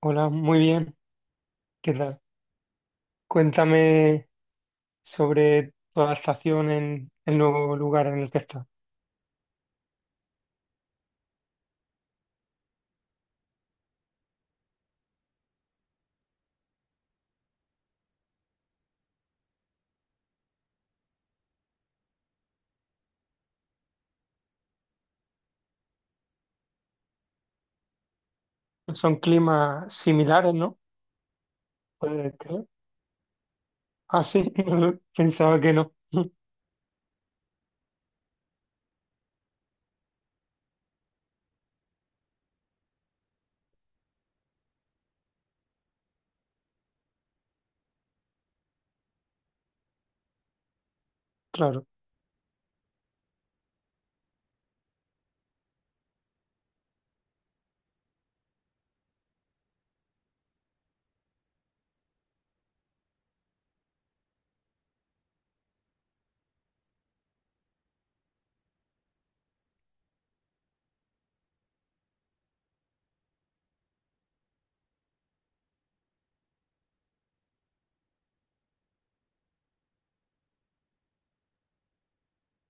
Hola, muy bien. ¿Qué tal? Cuéntame sobre tu adaptación en el nuevo lugar en el que estás. Son climas similares, ¿no? Puede creer. Ah, sí, pensaba que no. Claro,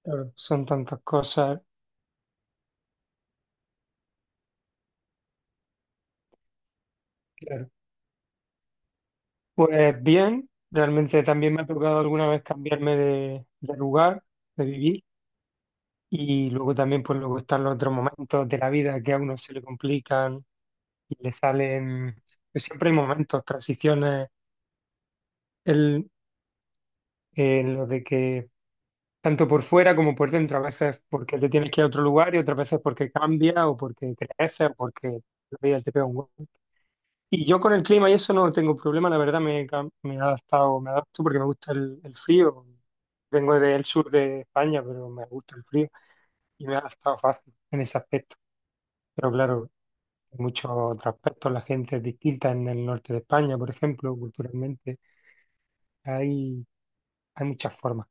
claro, son tantas cosas. Claro. Pues bien, realmente también me ha tocado alguna vez cambiarme de lugar, de vivir, y luego también, pues luego están los otros momentos de la vida que a uno se le complican y le salen. Pues siempre hay momentos, transiciones. El, en lo de que tanto por fuera como por dentro, a veces porque te tienes que ir a otro lugar y otras veces porque cambia o porque creces o porque la vida te pega un golpe. Y yo con el clima y eso no tengo problema, la verdad me he adaptado, me adapto porque me gusta el frío. Vengo del sur de España, pero me gusta el frío y me ha adaptado fácil en ese aspecto. Pero claro, en muchos otros aspectos la gente es distinta en el norte de España, por ejemplo, culturalmente. Hay, hay muchas formas,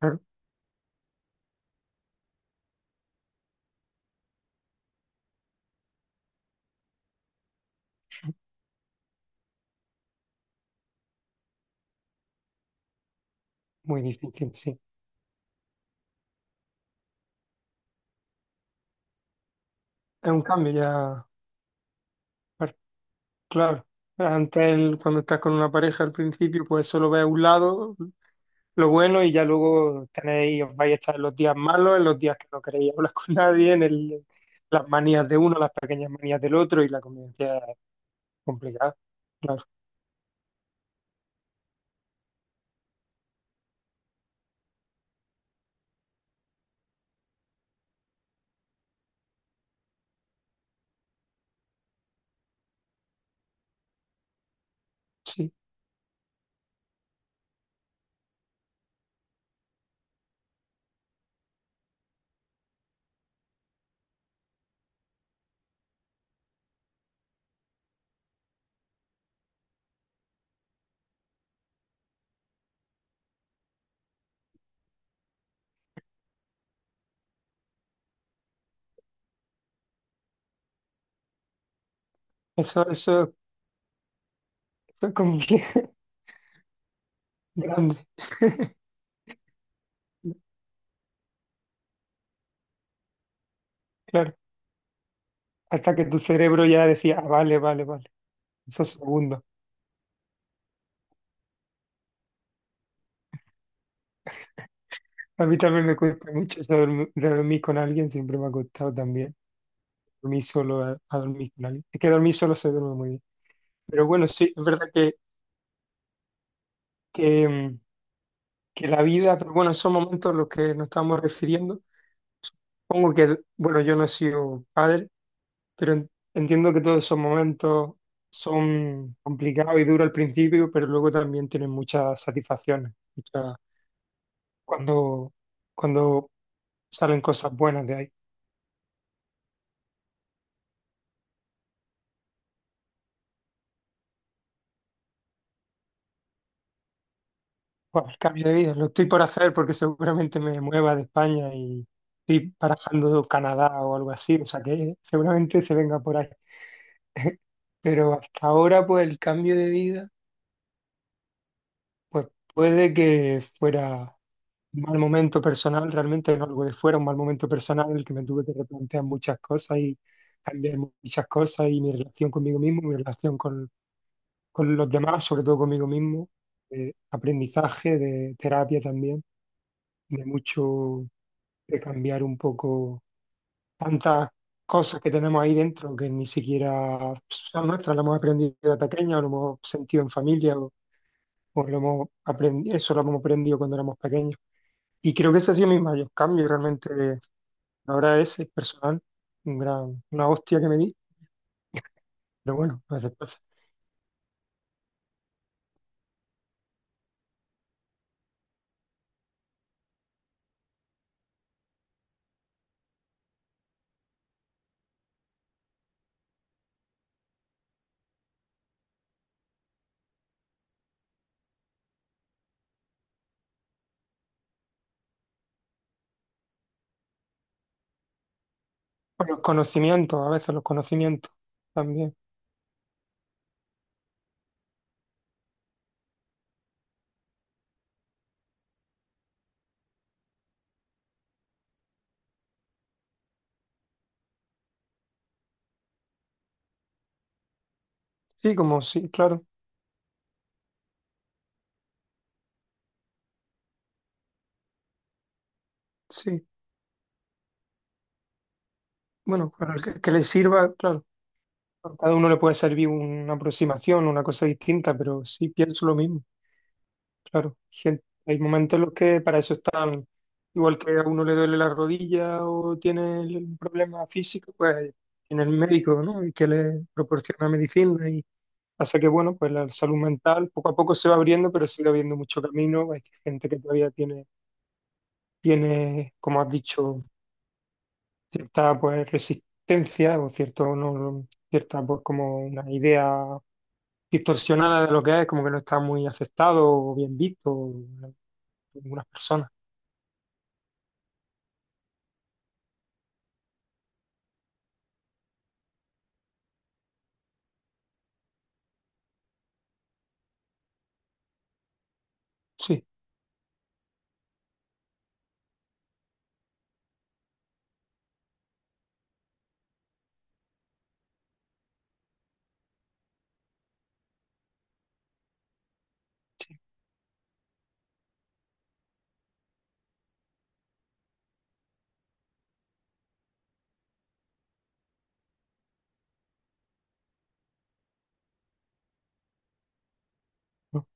claro, muy difícil, sí. Es un cambio ya. Pues, claro, antes cuando estás con una pareja al principio, pues solo ves un lado, lo bueno, y ya luego tenéis, os vais a estar en los días malos, en los días que no queréis hablar con nadie, en las manías de uno, las pequeñas manías del otro, y la convivencia es complicada. Claro, sí, eso, eso, eso es grande, claro. Hasta que tu cerebro ya decía, "Ah, vale, esos segundos". A mí también me cuesta mucho eso de dormir con alguien, siempre me ha costado también. Dormí solo a dormir con alguien. Es que dormir solo se duerme muy bien. Pero bueno, sí, es verdad que, mm, que la vida, pero bueno, esos momentos a los que nos estamos refiriendo, pongo que, bueno, yo no he sido padre, pero entiendo que todos esos momentos son complicados y duros al principio, pero luego también tienen muchas satisfacciones, muchas- cuando, cuando salen cosas buenas de ahí. Buah, el cambio de vida lo estoy por hacer porque seguramente me mueva de España y estoy barajando Canadá o algo así, o sea que seguramente se venga por ahí. Pero hasta ahora, pues el cambio de vida, pues puede que fuera un mal momento personal, realmente no algo de fuera, un mal momento personal en el que me tuve que replantear muchas cosas y cambiar muchas cosas y mi relación conmigo mismo, mi relación con los demás, sobre todo conmigo mismo, de aprendizaje, de terapia también, de mucho. De cambiar un poco tantas cosas que tenemos ahí dentro que ni siquiera son nuestras, las hemos aprendido de pequeña, lo hemos sentido en familia, o lo hemos aprendido, eso lo hemos aprendido cuando éramos pequeños. Y creo que ese ha sido mi mayor cambio, y realmente ahora ese es personal, un gran, una hostia que me di, pero bueno, a veces pasa. O los conocimientos, a veces los conocimientos también. Sí, como sí, claro, sí. Bueno, para que le sirva, claro. A cada uno le puede servir una aproximación, una cosa distinta, pero sí pienso lo mismo, claro. Gente, hay momentos en los que para eso están, igual que a uno le duele la rodilla o tiene un problema físico, pues tiene el médico, ¿no? Y que le proporciona medicina y hace que, bueno, pues la salud mental poco a poco se va abriendo, pero sigue habiendo mucho camino. Hay gente que todavía tiene, como has dicho, cierta pues resistencia o cierto no, no, cierta pues como una idea distorsionada de lo que es, como que no está muy aceptado o bien visto en algunas personas. Sí, ¿no?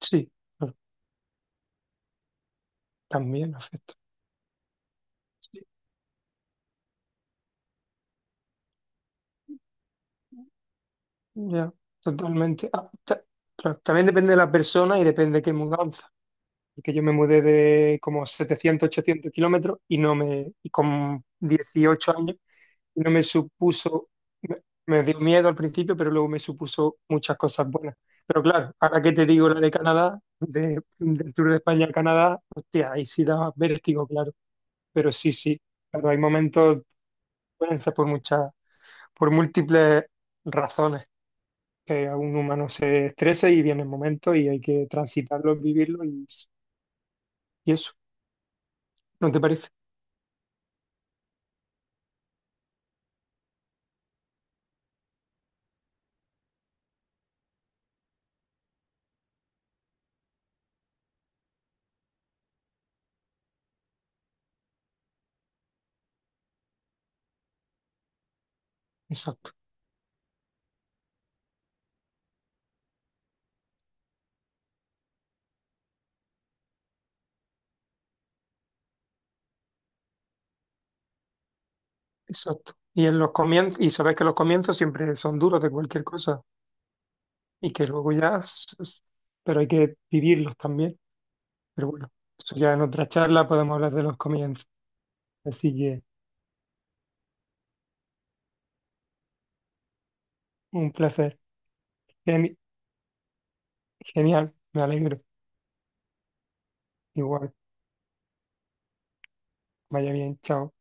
Sí, pero también afecta. Sí, ya, totalmente. Ah, claro, también depende de la persona y depende de qué mudanza. Porque yo me mudé de como 700 800 kilómetros y no me, y con 18 años no me supuso, me, me dio miedo al principio, pero luego me supuso muchas cosas buenas. Pero claro, ahora que te digo la de Canadá, de, del Tour de España a Canadá, hostia, ahí sí daba vértigo, claro. Pero sí, sí, claro, hay momentos, pueden ser por muchas, por múltiples razones que a un humano se estresa y vienen momentos y hay que transitarlos, vivirlos y eso, ¿no te parece? Exacto, exacto. Y en los comienzos, y sabes que los comienzos siempre son duros de cualquier cosa. Y que luego ya, pero hay que vivirlos también. Pero bueno, eso ya en otra charla podemos hablar de los comienzos. Así que un placer. Geni- genial, me alegro. Igual, vaya bien, chao.